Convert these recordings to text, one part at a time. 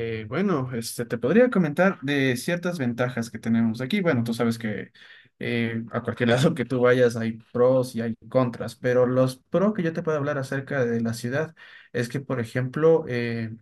Te podría comentar de ciertas ventajas que tenemos aquí. Bueno, tú sabes que a cualquier lado que tú vayas hay pros y hay contras, pero los pros que yo te puedo hablar acerca de la ciudad es que, por ejemplo,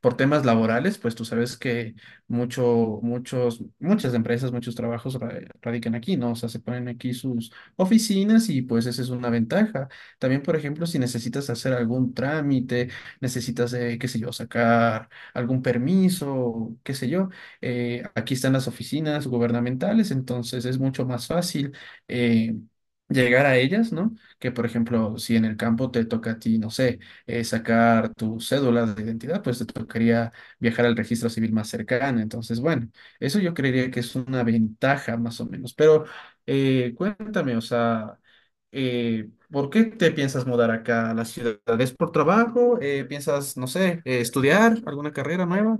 por temas laborales, pues tú sabes que muchas empresas, muchos trabajos radican aquí, ¿no? O sea, se ponen aquí sus oficinas y pues esa es una ventaja. También, por ejemplo, si necesitas hacer algún trámite, necesitas, qué sé yo, sacar algún permiso, qué sé yo, aquí están las oficinas gubernamentales, entonces es mucho más fácil eh, llegar a ellas, ¿no? Que por ejemplo, si en el campo te toca a ti, no sé, sacar tu cédula de identidad, pues te tocaría viajar al registro civil más cercano. Entonces, bueno, eso yo creería que es una ventaja más o menos. Pero cuéntame, o sea, ¿por qué te piensas mudar acá a la ciudad? ¿Es por trabajo? ¿Piensas, no sé, estudiar alguna carrera nueva?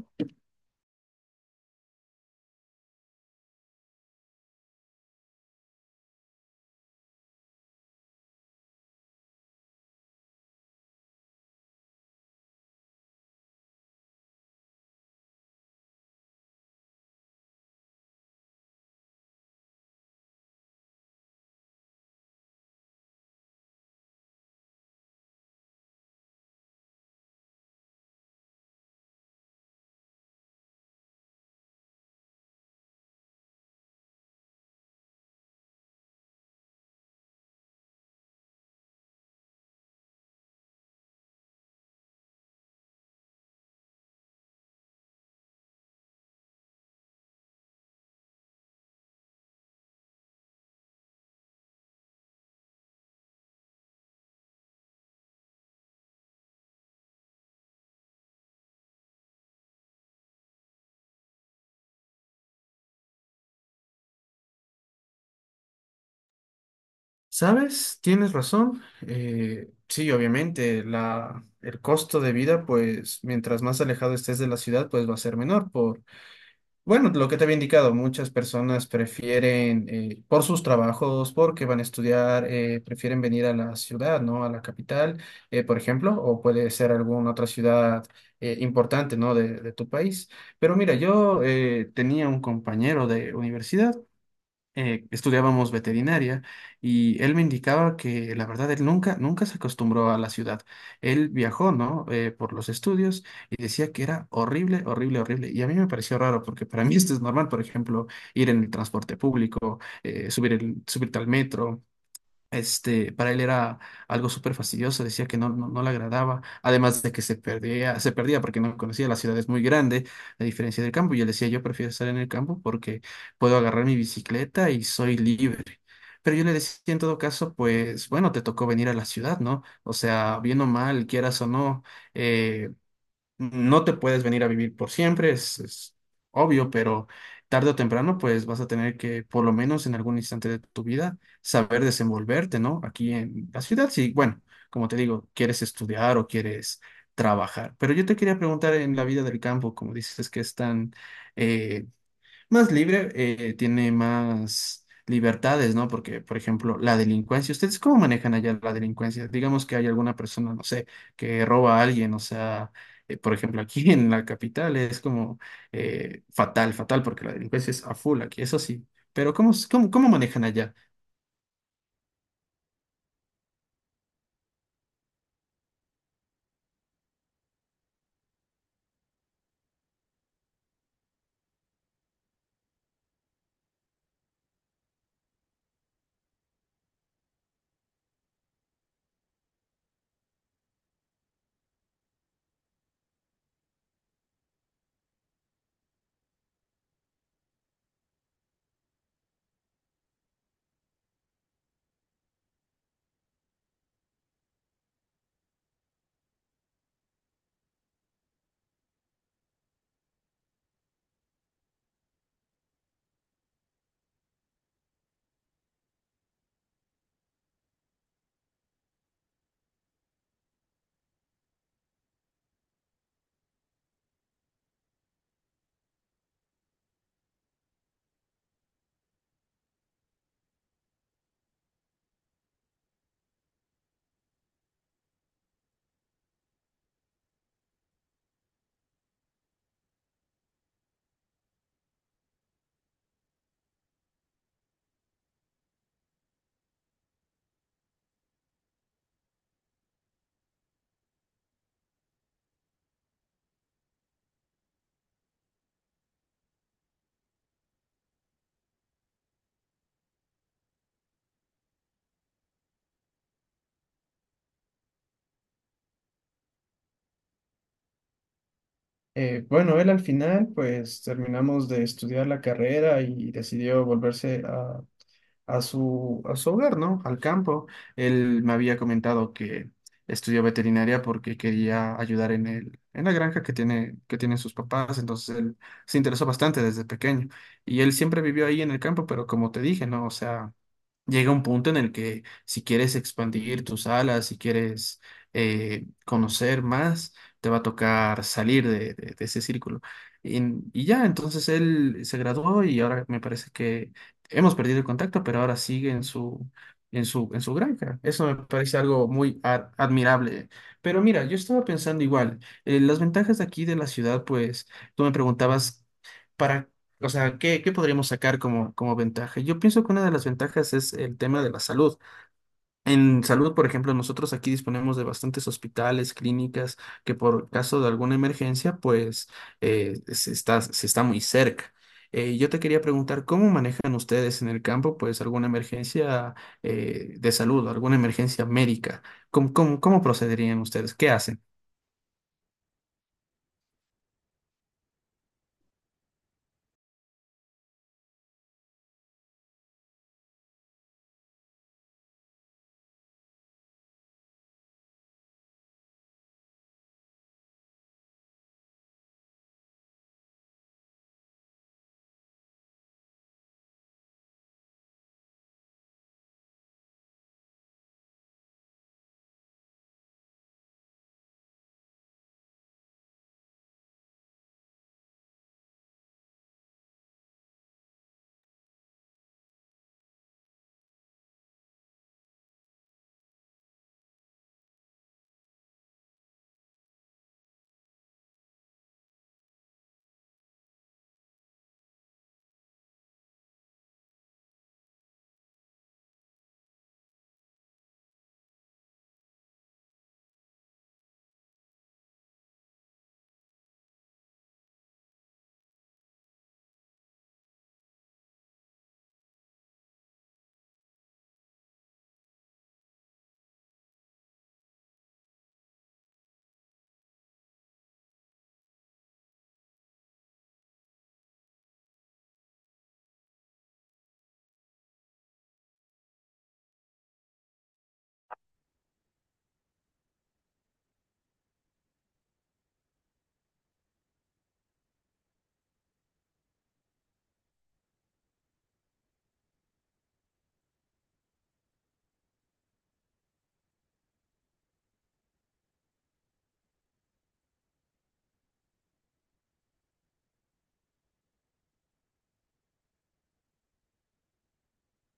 ¿Sabes? Tienes razón. Sí, obviamente, el costo de vida, pues mientras más alejado estés de la ciudad, pues va a ser menor por... Bueno, lo que te había indicado, muchas personas prefieren, por sus trabajos, porque van a estudiar, prefieren venir a la ciudad, ¿no? A la capital, por ejemplo, o puede ser alguna otra ciudad importante, ¿no? De tu país. Pero mira, yo tenía un compañero de universidad, estudiábamos veterinaria y él me indicaba que la verdad él nunca se acostumbró a la ciudad. Él viajó, ¿no?, por los estudios y decía que era horrible, horrible, horrible. Y a mí me pareció raro porque para mí esto es normal, por ejemplo, ir en el transporte público, subir subirte al metro. Este, para él era algo súper fastidioso, decía que no, no, no le agradaba, además de que se perdía porque no conocía, la ciudad es muy grande, a diferencia del campo, y él decía, yo prefiero estar en el campo porque puedo agarrar mi bicicleta y soy libre. Pero yo le decía, en todo caso, pues bueno, te tocó venir a la ciudad, ¿no? O sea, bien o mal, quieras o no, eh, no te puedes venir a vivir por siempre, es obvio, pero tarde o temprano, pues vas a tener que, por lo menos en algún instante de tu vida, saber desenvolverte, ¿no? Aquí en la ciudad, sí, bueno, como te digo, quieres estudiar o quieres trabajar. Pero yo te quería preguntar en la vida del campo, como dices que es tan, eh, más libre, tiene más libertades, ¿no? Porque, por ejemplo, la delincuencia, ¿ustedes cómo manejan allá la delincuencia? Digamos que hay alguna persona, no sé, que roba a alguien, o sea, por ejemplo, aquí en la capital es como fatal, fatal, porque la delincuencia es a full aquí, eso sí. Pero ¿cómo, cómo, cómo manejan allá? Bueno, él al final pues terminamos de estudiar la carrera y decidió volverse a su hogar, ¿no? Al campo. Él me había comentado que estudió veterinaria porque quería ayudar en la granja que que tienen sus papás, entonces él se interesó bastante desde pequeño. Y él siempre vivió ahí en el campo, pero como te dije, ¿no? O sea, llega un punto en el que si quieres expandir tus alas, si quieres conocer más, te va a tocar salir de ese círculo. Y, y ya, entonces él se graduó y ahora me parece que hemos perdido el contacto, pero ahora sigue en su granja. Eso me parece algo muy admirable. Pero mira, yo estaba pensando igual, las ventajas de aquí de la ciudad, pues tú me preguntabas... ¿Para... o sea, ¿qué podríamos sacar como, como ventaja? Yo pienso que una de las ventajas es el tema de la salud. En salud, por ejemplo, nosotros aquí disponemos de bastantes hospitales, clínicas, que por caso de alguna emergencia, pues se está muy cerca. Yo te quería preguntar, ¿cómo manejan ustedes en el campo, pues, alguna emergencia de salud, alguna emergencia médica? Cómo procederían ustedes? ¿Qué hacen?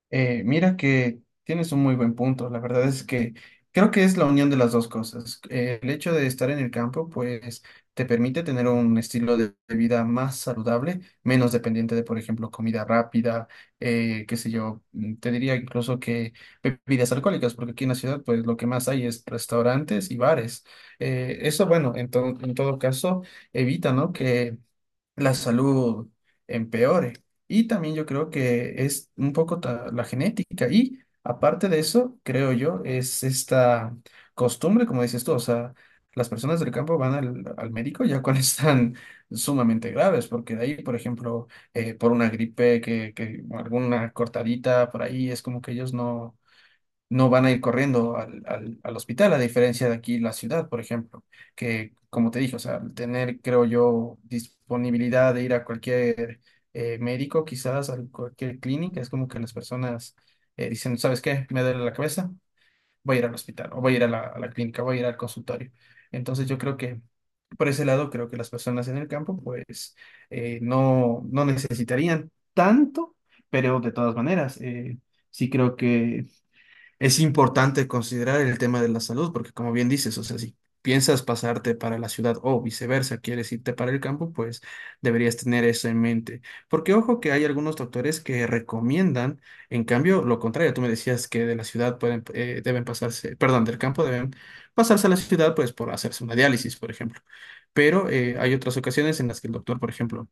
Mira que tienes un muy buen punto. La verdad es que creo que es la unión de las dos cosas. El hecho de estar en el campo, pues, te permite tener un estilo de vida más saludable, menos dependiente de, por ejemplo, comida rápida, qué sé yo, te diría incluso que bebidas alcohólicas, porque aquí en la ciudad, pues, lo que más hay es restaurantes y bares. Eso, bueno, en todo caso, evita, ¿no?, que la salud empeore. Y también yo creo que es un poco la genética. Y aparte de eso, creo yo, es esta costumbre, como dices tú, o sea, las personas del campo van al médico ya cuando están sumamente graves, porque de ahí, por ejemplo, por una gripe, que alguna cortadita por ahí, es como que ellos no van a ir corriendo al hospital, a diferencia de aquí la ciudad, por ejemplo, que como te dije, o sea, al tener, creo yo, disponibilidad de ir a cualquier médico, quizás a cualquier clínica, es como que las personas dicen, ¿sabes qué? Me duele la cabeza, voy a ir al hospital, o voy a ir a la clínica, voy a ir al consultorio. Entonces yo creo que... Por ese lado, creo que las personas en el campo, pues, no necesitarían tanto, pero de todas maneras, sí creo que es importante considerar el tema de la salud, porque como bien dices, o sea, si piensas pasarte para la ciudad o viceversa, quieres irte para el campo, pues deberías tener eso en mente. Porque ojo que hay algunos doctores que recomiendan, en cambio, lo contrario, tú me decías que de la ciudad pueden, deben pasarse, perdón, del campo deben pasarse a la ciudad, pues por hacerse una diálisis, por ejemplo. Pero hay otras ocasiones en las que el doctor, por ejemplo,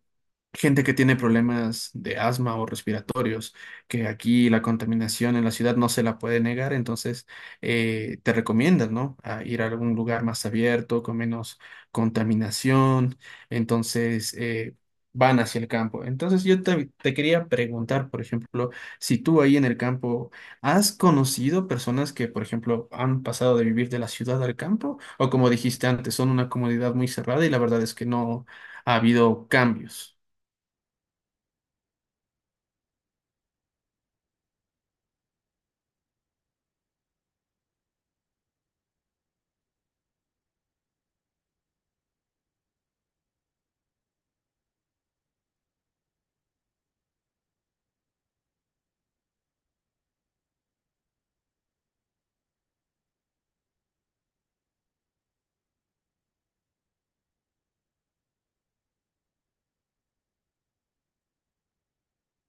gente que tiene problemas de asma o respiratorios, que aquí la contaminación en la ciudad no se la puede negar, entonces te recomiendan, ¿no?, A ir a algún lugar más abierto, con menos contaminación, entonces van hacia el campo. Entonces yo te quería preguntar, por ejemplo, si tú ahí en el campo, ¿has conocido personas que, por ejemplo, han pasado de vivir de la ciudad al campo? O como dijiste antes, son una comunidad muy cerrada y la verdad es que no ha habido cambios.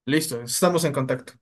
Listo, estamos en contacto.